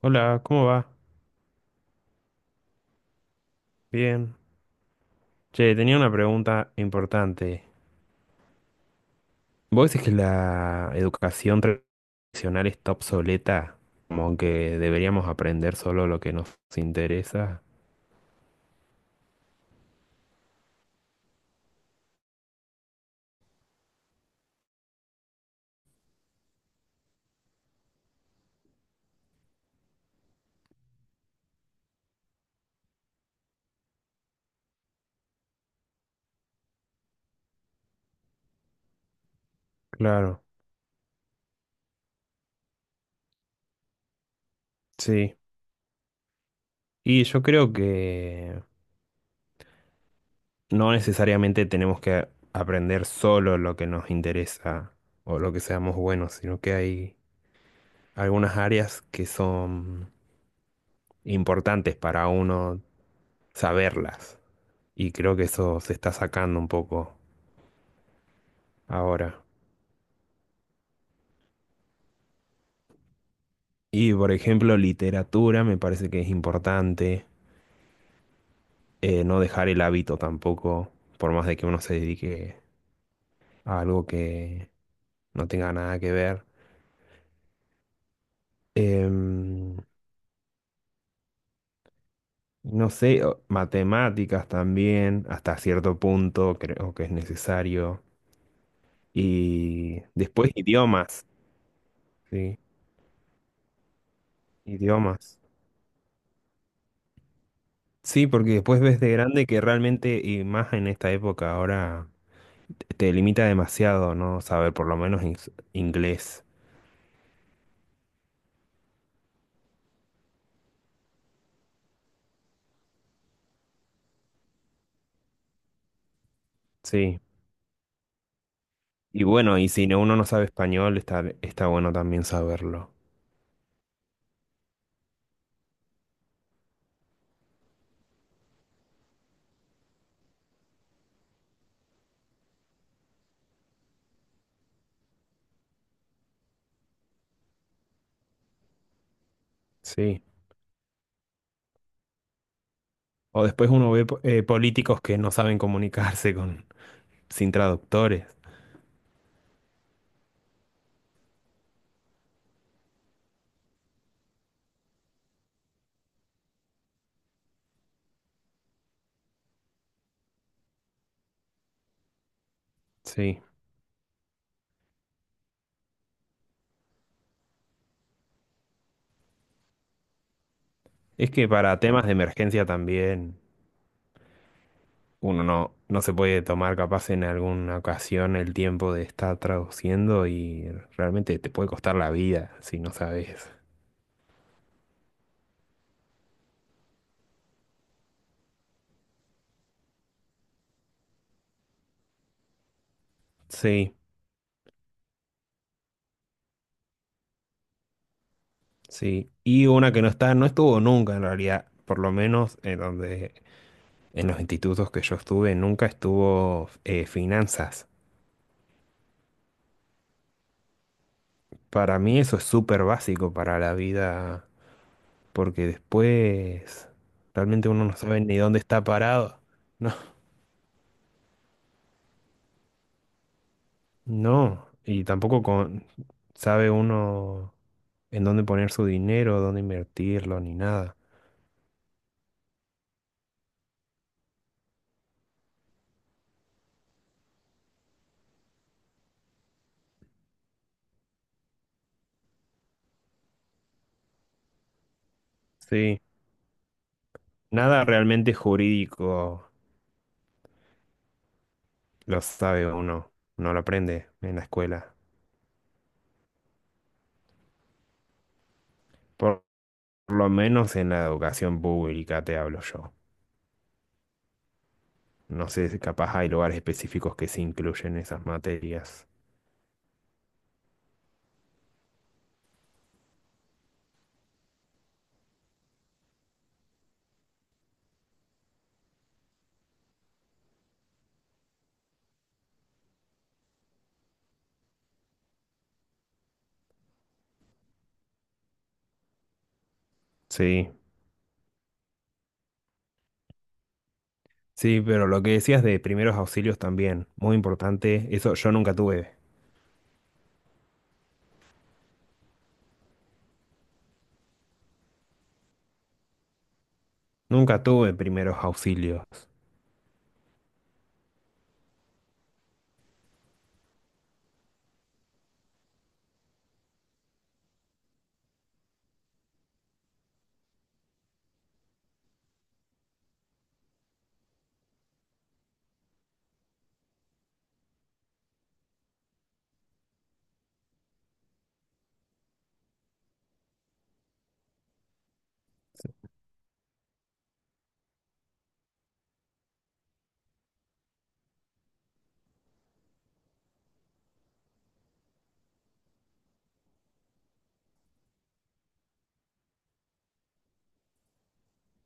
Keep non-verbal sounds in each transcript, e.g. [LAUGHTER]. Hola, ¿cómo va? Bien. Che, tenía una pregunta importante. ¿Vos decís que la educación tradicional está obsoleta? Como que deberíamos aprender solo lo que nos interesa. Claro, sí. Y yo creo que no necesariamente tenemos que aprender solo lo que nos interesa o lo que seamos buenos, sino que hay algunas áreas que son importantes para uno saberlas. Y creo que eso se está sacando un poco ahora. Y por ejemplo, literatura me parece que es importante. No dejar el hábito tampoco, por más de que uno se dedique a algo que no tenga nada que ver. Em, no sé, matemáticas también, hasta cierto punto creo que es necesario. Y después sí, idiomas. Sí, porque después ves de grande que realmente, y más en esta época ahora te limita demasiado, ¿no? Saber por lo menos inglés. Sí. Y bueno, y uno no sabe español, está bueno también saberlo. Sí. O después uno ve políticos que no saben comunicarse con, sin traductores. Sí. Es que para temas de emergencia también uno no, no se puede tomar capaz en alguna ocasión el tiempo de estar traduciendo y realmente te puede costar la vida si no sabes. Sí. Sí, y una que no estuvo nunca en realidad, por lo menos en los institutos que yo estuve, nunca estuvo finanzas. Para mí eso es súper básico para la vida, porque después realmente uno no sabe ni dónde está parado. No, no, y tampoco sabe uno en dónde poner su dinero, dónde invertirlo, ni nada. Sí, nada realmente jurídico lo sabe uno, no lo aprende en la escuela. Por lo menos en la educación pública te hablo yo. No sé si capaz hay lugares específicos que se incluyen esas materias. Sí, sí, pero lo que decías de primeros auxilios también, muy importante, eso yo nunca tuve. Nunca tuve primeros auxilios.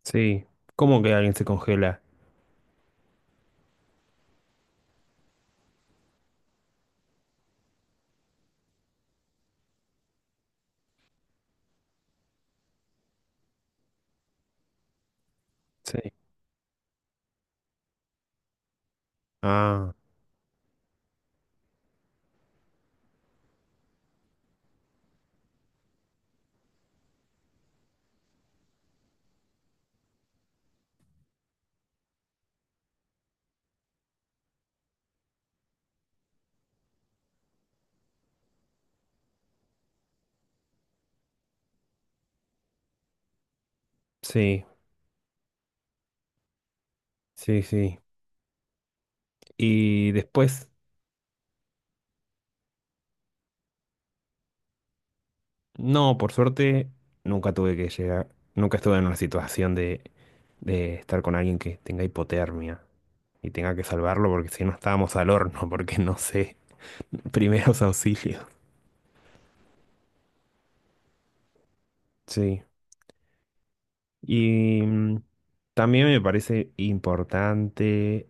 Sí, ¿cómo que alguien se congela? Sí. Ah, sí, sí, sí. Y después, no, por suerte, nunca tuve que llegar, nunca estuve en una situación de estar con alguien que tenga hipotermia, y tenga que salvarlo porque si no estábamos al horno, [LAUGHS] porque no sé, [LAUGHS] primeros auxilios. Sí. Y mm, también me parece importante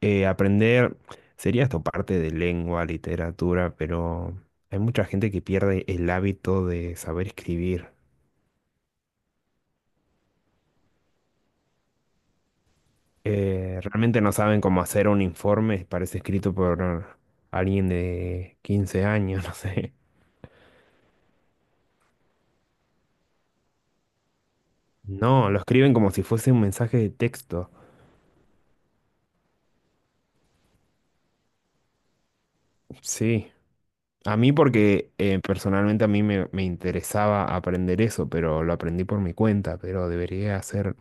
aprender, sería esto parte de lengua, literatura, pero hay mucha gente que pierde el hábito de saber escribir. Realmente no saben cómo hacer un informe, parece escrito por alguien de 15 años, [LAUGHS] no sé. No, lo escriben como si fuese un mensaje de texto. Sí. A mí porque personalmente me interesaba aprender eso, pero lo aprendí por mi cuenta, pero debería ser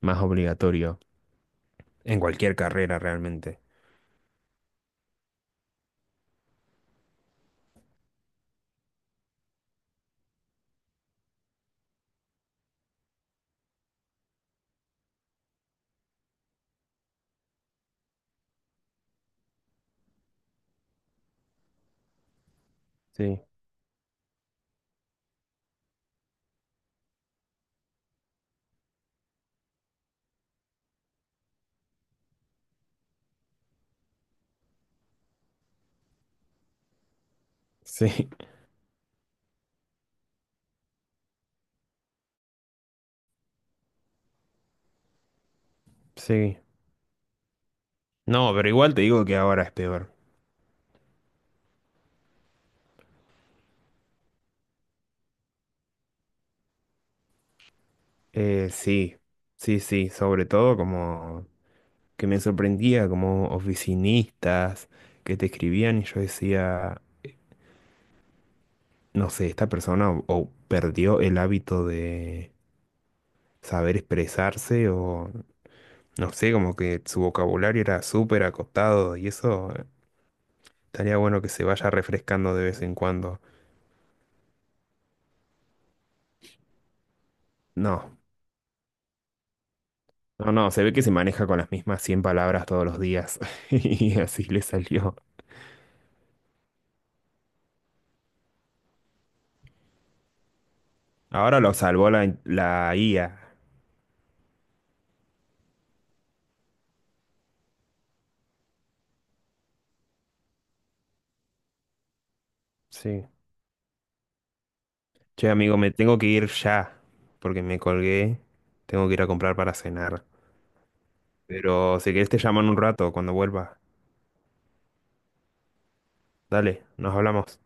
más obligatorio en cualquier carrera realmente. Sí, sí, [LAUGHS] sí. No, pero igual te digo que ahora es peor. Sí, sí, sí, sobre todo como que me sorprendía como oficinistas que te escribían y yo decía, no sé, esta persona o perdió el hábito de saber expresarse o no sé, como que su vocabulario era súper acotado y eso estaría bueno que se vaya refrescando de vez en cuando. No, no, no, se ve que se maneja con las mismas 100 palabras todos los días [LAUGHS] y así le salió. Ahora lo salvó la IA. Sí. Che, amigo, me tengo que ir ya porque me colgué. Tengo que ir a comprar para cenar. Pero si querés te llamo en un rato cuando vuelva. Dale, nos hablamos.